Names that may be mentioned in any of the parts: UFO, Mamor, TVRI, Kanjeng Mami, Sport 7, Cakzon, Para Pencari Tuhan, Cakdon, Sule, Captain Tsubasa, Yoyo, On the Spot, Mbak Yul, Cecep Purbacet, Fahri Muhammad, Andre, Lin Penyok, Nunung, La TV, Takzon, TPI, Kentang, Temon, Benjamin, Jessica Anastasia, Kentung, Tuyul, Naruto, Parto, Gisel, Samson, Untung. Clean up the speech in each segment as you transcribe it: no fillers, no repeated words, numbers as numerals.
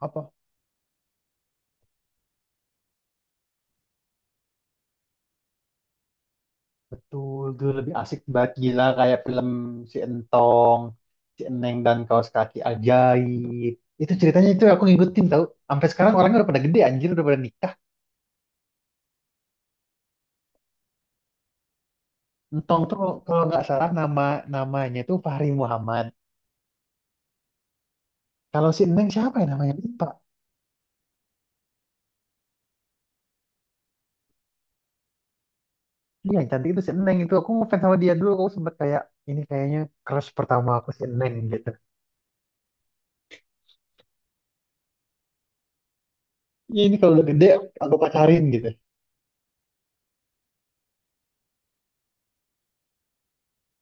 Apa? Betul, dulu lebih asik banget, gila. Kayak film si Entong, si Eneng dan Kaos Kaki Ajaib, itu ceritanya itu aku ngikutin, tau. Sampai sekarang orangnya udah pada gede, anjir, udah pada nikah. Entong tuh, kalau nggak salah, namanya tuh Fahri Muhammad. Kalau si Eneng siapa ya, namanya lupa. Iya, yang cantik itu si Eneng. Itu aku ngefans sama dia. Dulu aku sempet kayak ini, kayaknya crush pertama aku si Eneng, gitu. Iya, ini kalau udah gede aku pacarin, gitu.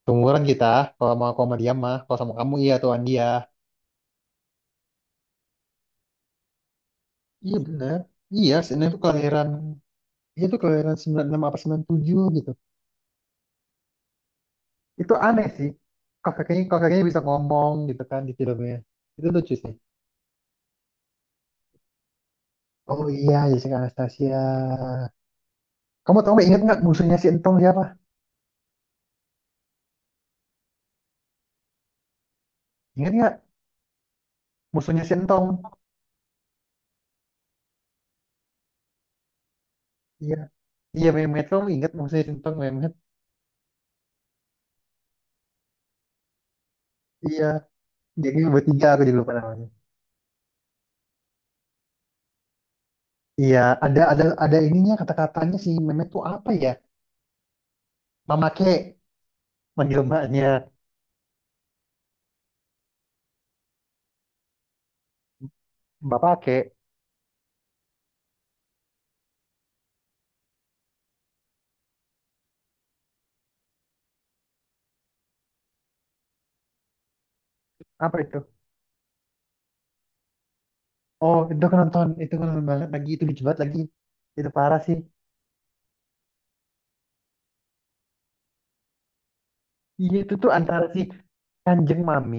Seumuran kita. Kalau mau, aku sama dia mah, kalau sama kamu iya tuan dia. Iya benar. Iya, Sena itu kelahiran, dia tuh kelahiran 96 apa 97, gitu. Itu aneh sih. Kakeknya kakeknya bisa ngomong gitu kan di filmnya. Itu lucu sih. Oh iya, Jessica Anastasia. Kamu tau nggak, inget nggak musuhnya si Entong siapa? Ingat nggak musuhnya si Entong? Iya. Iya, Mehmet, kamu ingat musuhnya si Entong, Mehmet? Iya. Jadi bertiga, aku juga lupa namanya. Iya, ada ininya, kata-katanya si Mehmet tuh apa ya? Mama ke manggil mbaknya, bapak ke apa itu? Oh, itu aku nonton banget lagi, itu lucu banget lagi. Itu parah sih. Iya, itu tuh antara si Kanjeng Mami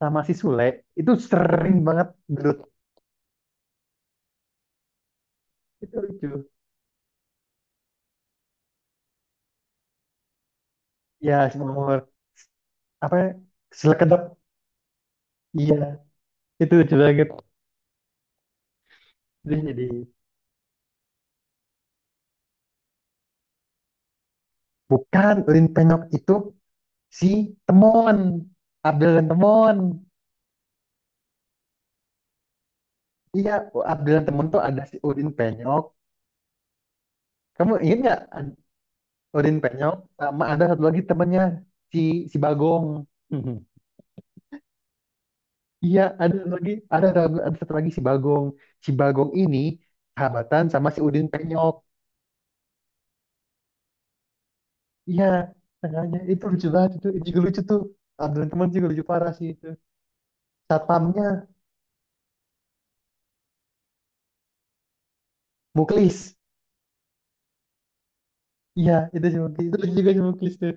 sama si Sule, itu sering banget gelut. Itu lucu. Ya, si Mamor. Apa ya? Sule kedap. Iya, itu lucu banget. Terus jadi, bukan Lin Penyok, itu si Temon. Abdel dan Temon. Iya, Abdel dan Temon tuh ada si Udin Penyok. Kamu ingat nggak Udin Penyok sama ada satu lagi temennya, si si Bagong. Iya, ada lagi, ada satu lagi si Bagong. Si Bagong ini sahabatan sama si Udin Penyok. Iya, tengahnya itu lucu banget itu juga lucu tuh. Abdul teman juga lucu parah sih itu. Satpamnya Muklis. Iya, itu si Muklis. Itu lucu juga si Muklis tuh.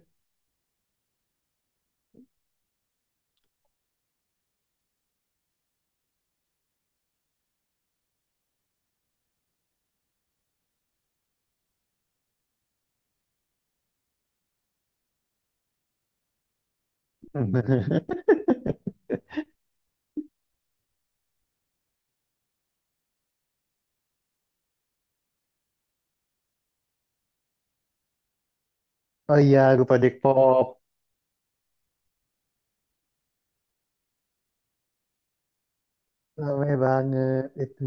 Oh iya, lupa Depop. Rame banget itu.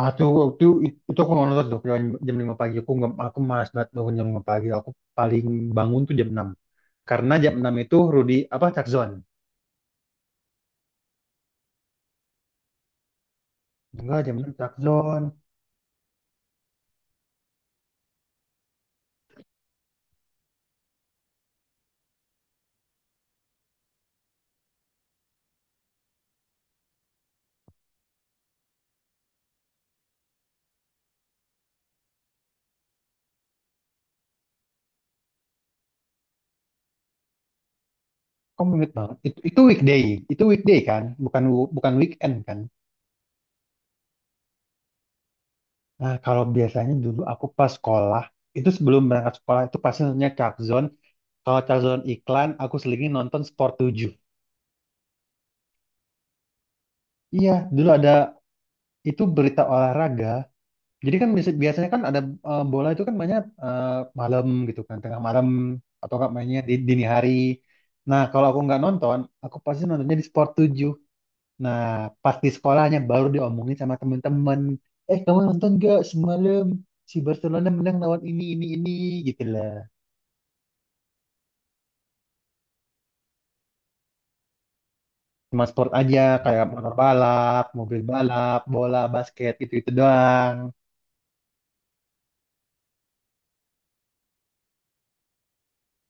Ah, tuh, waktu itu aku nonton tuh jam 5 pagi. Aku nggak, aku malas banget bangun jam 5 pagi. Aku paling bangun tuh jam 6. Karena jam 6 itu Rudy, apa, Takzon. Enggak, jam 6 Cakdon. Kamu inget banget. Itu weekday. Itu weekday kan? Bukan bukan weekend kan? Nah, kalau biasanya dulu aku pas sekolah, itu sebelum berangkat sekolah itu pasti nontonnya Cakzon. Kalau Cakzon iklan, aku selingin nonton Sport 7. Iya, dulu ada itu berita olahraga. Jadi kan biasanya kan ada bola itu kan banyak malam gitu kan, tengah malam atau enggak mainnya di dini hari. Nah, kalau aku nggak nonton, aku pasti nontonnya di Sport 7. Nah, pas di sekolahnya baru diomongin sama temen-temen. Eh, kamu nonton gak semalam, si Barcelona menang lawan ini, gitu lah. Cuma sport aja, kayak motor balap, mobil balap, bola, basket, gitu-gitu doang.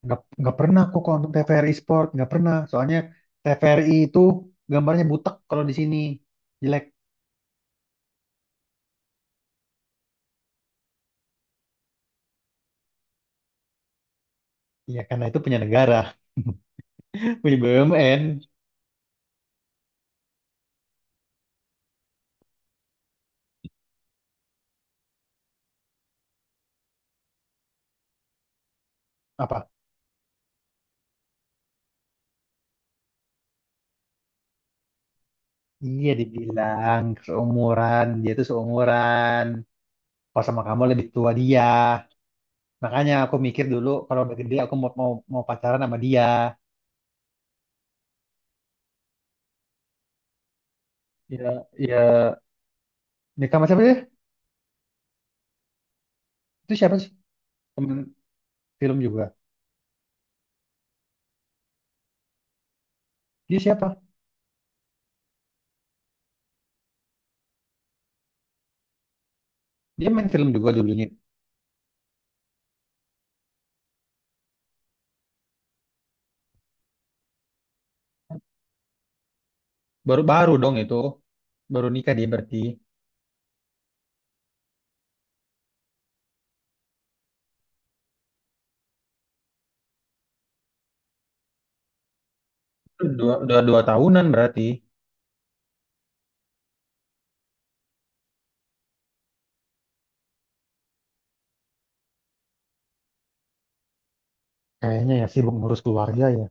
Nggak pernah aku kalau nonton TVRI Sport, nggak pernah. Soalnya TVRI itu gambarnya butek kalau di sini. Jelek. Ya, karena itu punya negara, punya BUMN. Apa? Iya, dibilang seumuran, dia tuh seumuran. Kalau sama kamu lebih tua dia. Makanya aku mikir dulu, kalau udah gede aku mau mau, mau pacaran sama dia. Ya, ya, nikah sama siapa sih? Itu siapa sih? Temen film juga. Dia siapa? Dia main film juga dulunya. Baru baru dong itu. Baru nikah dia berarti. Dua, dua, dua tahunan berarti. Kayaknya ya sibuk ngurus keluarga ya.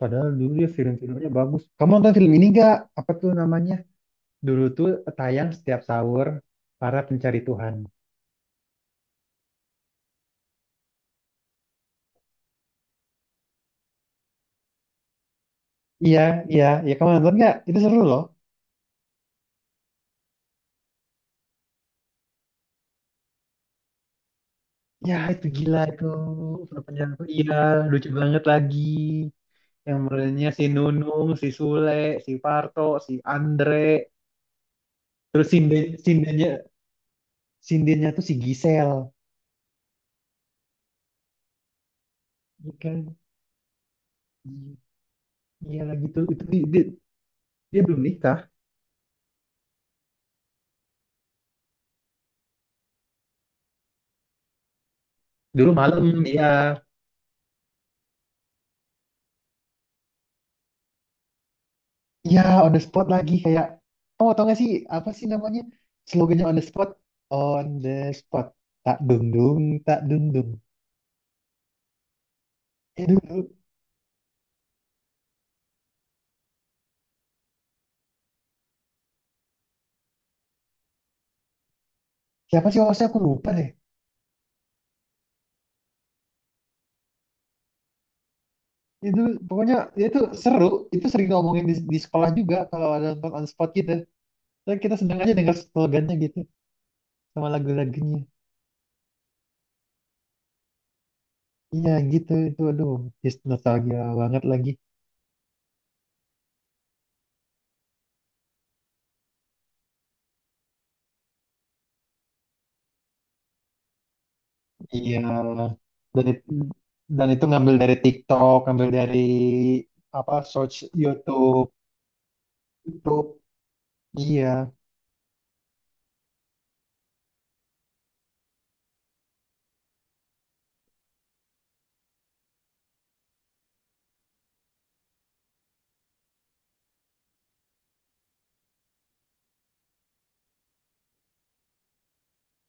Padahal dulu dia film-filmnya bagus. Kamu nonton film ini gak? Apa tuh namanya? Dulu tuh tayang setiap sahur, para pencari Tuhan. Iya, iya, iya. Kamu nonton nggak? Itu seru loh. Ya itu gila, itu perpanjangan aku. Iya lucu banget lagi. Yang mulainya si Nunung, si Sule, si Parto, si Andre. Terus sindennya tuh si Gisel. Iya kan? Iya lagi tuh. Itu dia belum nikah. Dulu malam ya. Iya on the spot lagi kayak. Oh tau gak sih apa sih namanya? Slogannya on the spot. On the spot. Tak dung dung, tak dung dung. Eh, dulu siapa sih hostnya, aku lupa deh. Itu pokoknya ya itu seru, itu sering ngomongin di sekolah juga kalau ada nonton on spot gitu, dan kita sedang aja dengar slogannya gitu sama lagu-lagunya. Iya gitu itu, aduh, just nostalgia banget lagi. Iya, dan itu, dan itu ngambil dari TikTok, ngambil dari apa, search YouTube YouTube Iya,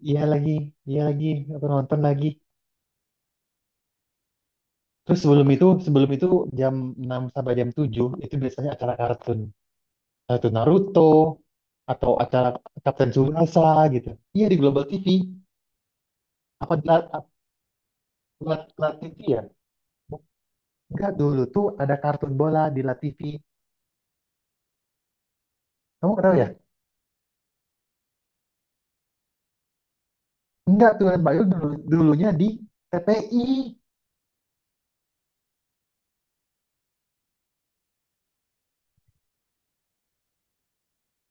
iya lagi, iya lagi, aku nonton lagi. Terus sebelum itu jam 6 sampai jam 7 itu biasanya acara kartun, atau Naruto, atau acara Captain Tsubasa, gitu. Iya, di Global TV. Apa di La TV ya? Enggak, dulu tuh ada kartun bola di La TV. Kamu kenal ya? Enggak tuh Mbak Yul dulu, dulunya di TPI.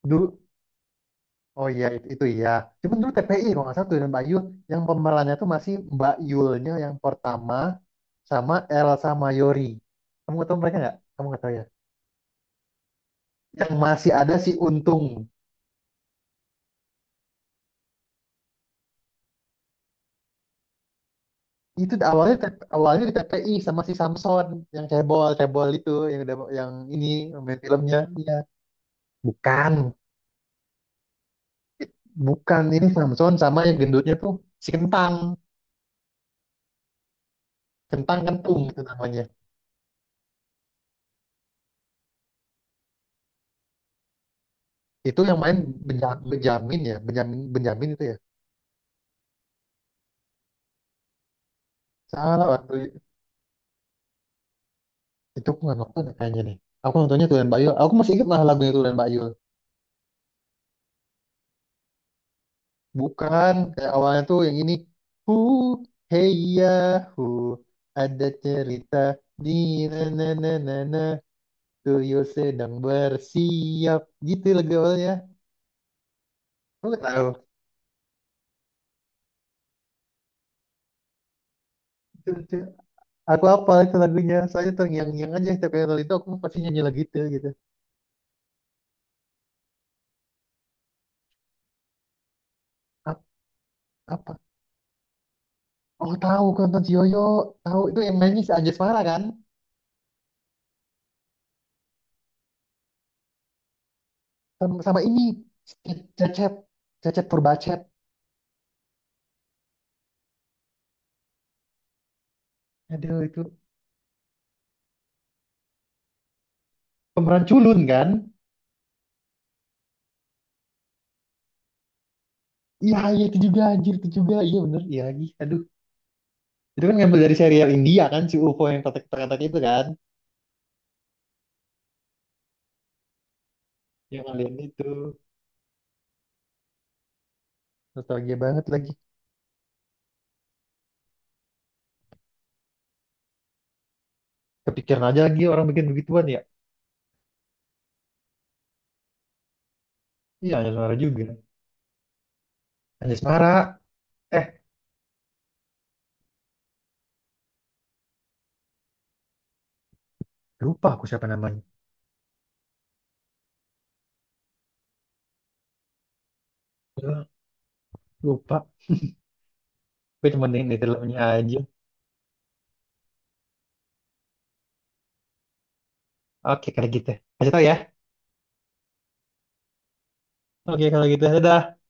Dulu. Oh iya itu iya. Cuman dulu TPI kalau nggak salah tuh dan Mbak Yul, yang pemerannya tuh masih Mbak Yulnya yang pertama, sama Elsa Mayori. Kamu tahu mereka nggak? Kamu nggak tahu ya? Yang masih ada si Untung. Itu awalnya T- P awalnya di TPI sama si Samson, yang cebol cebol itu, yang udah yang ini main filmnya, iya bukan bukan ini Samson sama yang gendutnya tuh si Kentang Kentang Kentung itu namanya. Itu yang main Benjamin ya, Benjamin Benjamin itu ya. Salah. Waktu itu aku nggak nonton ya kayaknya nih. Aku nontonnya Tulen Bayul, aku masih ingat malah lagunya Tulen Bayul. Bukan, kayak awalnya tuh yang ini: hu, hey ya, hu, ada cerita di na na na na na, Tuyul sedang bersiap. Gitu lagu awalnya. Aku nggak tahu. Itu, itu. Aku apa itu lagunya? Soalnya terngiang-ngiang aja, setiap kali nonton itu aku pasti nyanyi lagu itu gitu. Ap- Apa? Oh tahu, aku nonton si Yoyo. Tahu itu yang nyanyi si Anjasmara kan? Sama ini. Cecep. Cecep Purbacet. Aduh itu pemeran culun kan? Iya, iya itu juga anjir, itu juga. Iya bener, iya lagi. Aduh, itu kan ngambil dari serial India kan, si UFO yang kotak-kotak itu kan. Yang alien itu. Nostalgia banget lagi. Kepikiran aja lagi orang bikin begituan ya. Iya, Anjasmara juga. Anjasmara. Eh, lupa aku siapa namanya. Eh, lupa. Gue cuma dengerin filmnya aja. Oke, kalau gitu. Kasih tau ya. Oke, kalau gitu. Dadah.